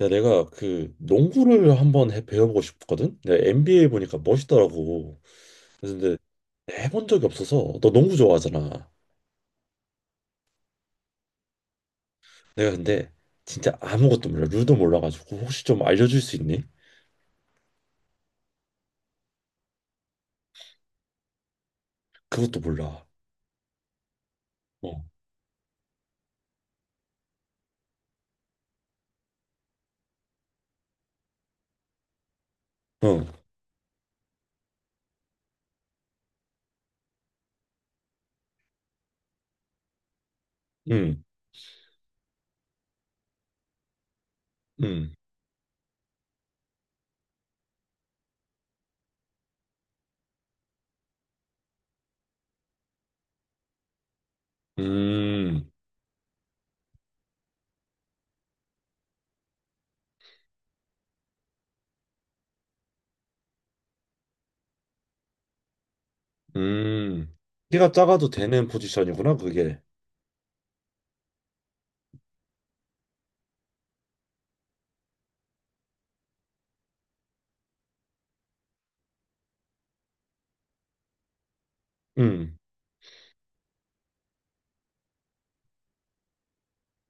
야, 내가 그 농구를 한번 배워보고 싶거든? 내가 NBA 보니까 멋있더라고. 그래서 근데 해본 적이 없어서 너 농구 좋아하잖아. 내가 근데 진짜 아무것도 몰라. 룰도 몰라가지고 혹시 좀 알려줄 수 있니? 그것도 몰라. 어, 어, 음, 음, 음, 음. 키가 작아도 되는 포지션이구나, 그게. 음,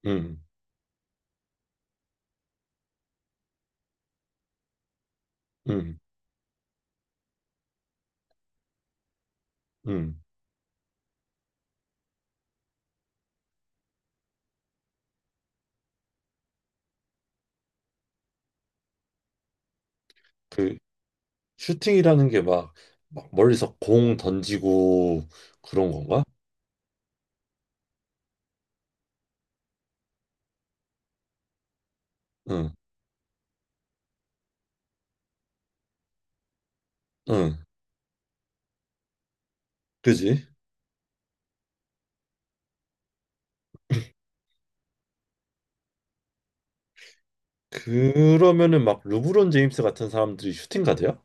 음, 음, 음. 그 슈팅이라는 게 막 멀리서 공 던지고 그런 건가? 응, 응. 그지? 그러면은 막 르브론 제임스 같은 사람들이 슈팅 가드야?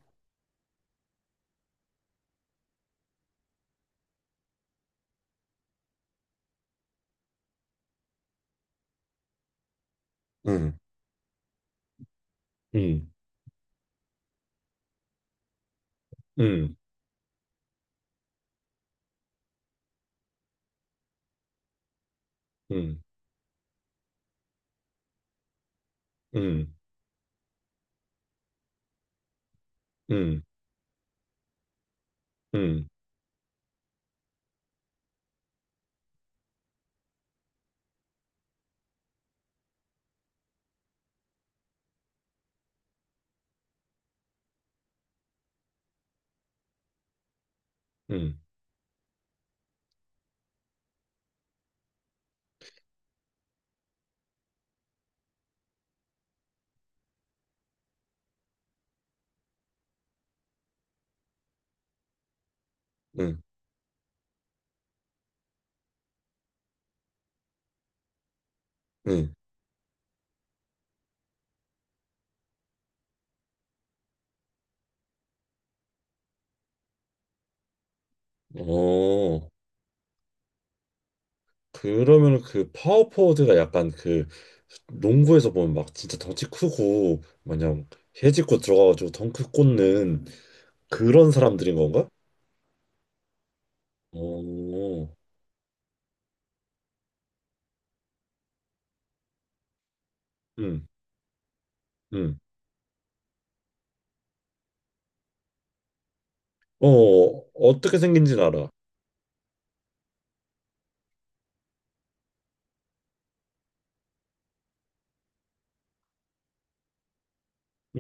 응, 응, 응, 응, 응, 응, 응, 응, 응, 응. 어, 그러면은 그 파워포워드가 약간 그 농구에서 보면 막 진짜 덩치 크고 마냥 해집고 들어가가지고 덩크 꽂는 그런 사람들인 건가? 어, 응, 응. 어, 어떻게 생긴지는 알아.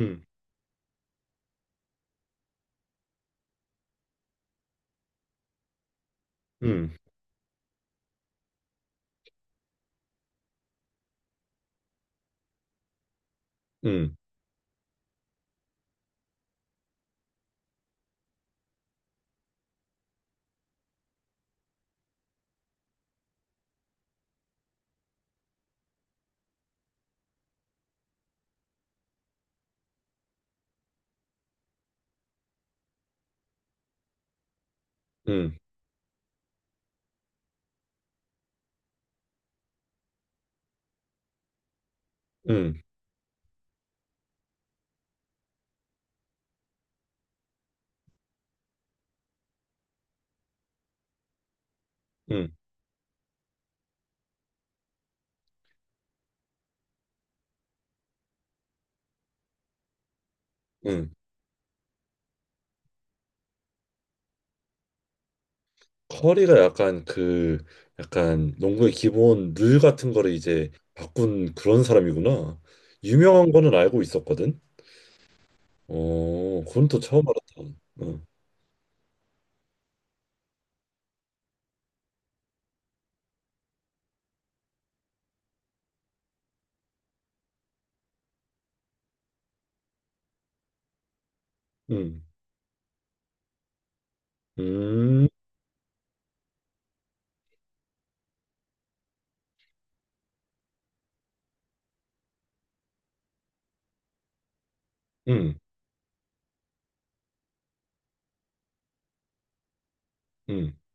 응, 응, 응, 응, 응, 응, 응. 커리가 약간 그 약간 농구의 기본 룰 같은 거를 이제 바꾼 그런 사람이구나. 유명한 거는 알고 있었거든. 어, 그건 또 처음 알았다. 응, 응, 음, 응, 응,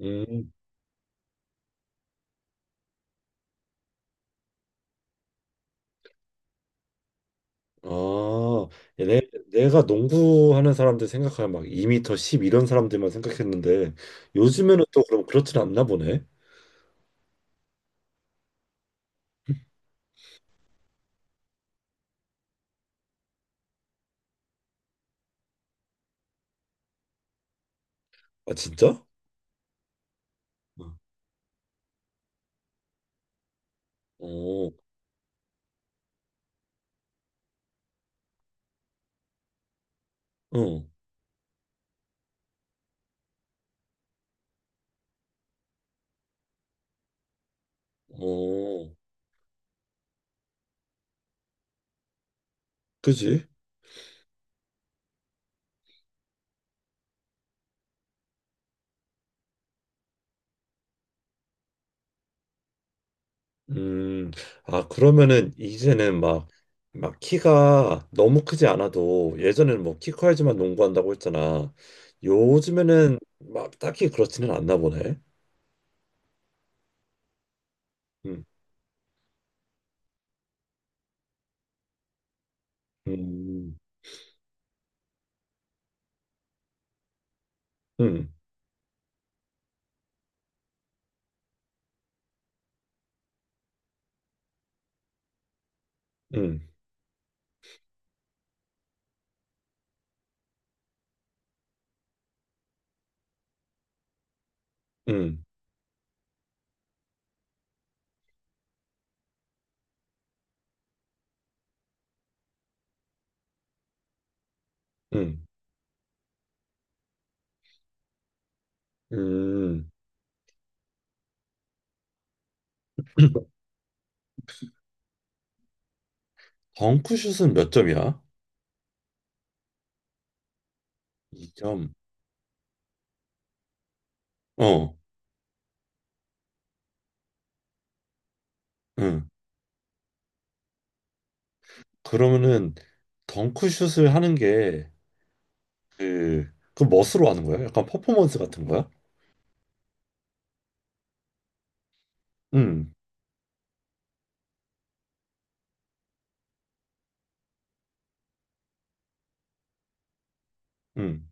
응. 아, 내, 내가 농구하는 사람들 생각하면 막 2미터 10 이런 사람들만 생각했는데 요즘에는 또 그럼 그렇진 않나 보네. 아, 진짜? 어, 어, 어, 그지? 음, 아, 그러면은 이제는 막, 키가 너무 크지 않아도 예전에는 뭐 키 커야지만 농구한다고 했잖아. 요즘에는 막 딱히 그렇지는 않나 보네. 음, 음, 음, 음, 음, 음, 음. 덩크슛은 몇 점이야? 2점. 어, 응. 그러면은 덩크슛을 하는 게 그 멋으로 하는 거야? 약간 퍼포먼스 같은 거야? 응, 응.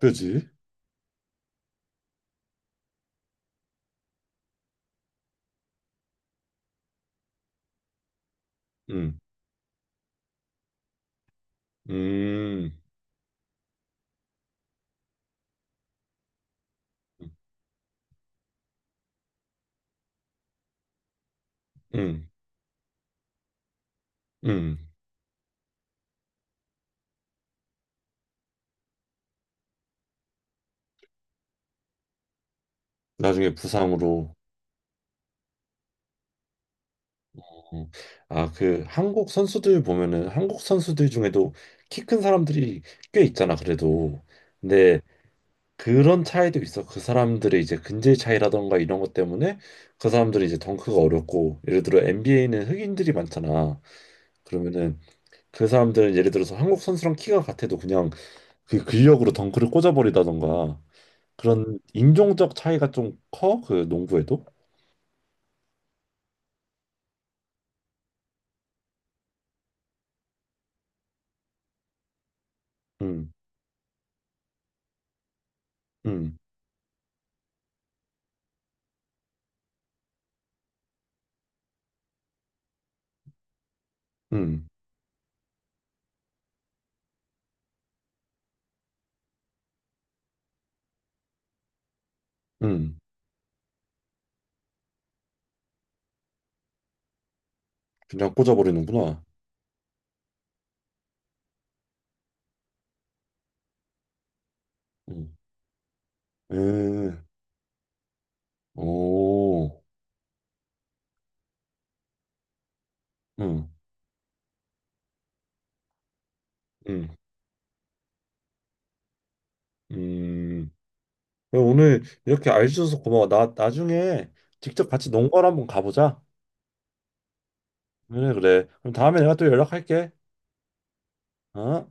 그지? 응. 음, 음, 음. 나중에 부상으로. 어. 아, 그 한국 선수들 보면은 한국 선수들 중에도 키 큰 사람들이 꽤 있잖아, 그래도. 근데 그런 차이도 있어. 그 사람들의 이제 근질 차이라던가 이런 것 때문에 그 사람들이 이제 덩크가 어렵고, 예를 들어 NBA는 흑인들이 많잖아. 그러면은 그 사람들은 예를 들어서 한국 선수랑 키가 같아도 그냥 그 근력으로 덩크를 꽂아버리다던가 그런 인종적 차이가 좀 커? 그 농구에도? 음. 음, 음, 음. 그냥 꽂아버리는구나. 음. 에, 오, 음, 음, 음. 그럼 오늘 이렇게 알려줘서 고마워. 나 나중에 직접 같이 농가를 한번 가보자. 그래, 그래. 그럼 다음에 내가 또 연락할게. 어?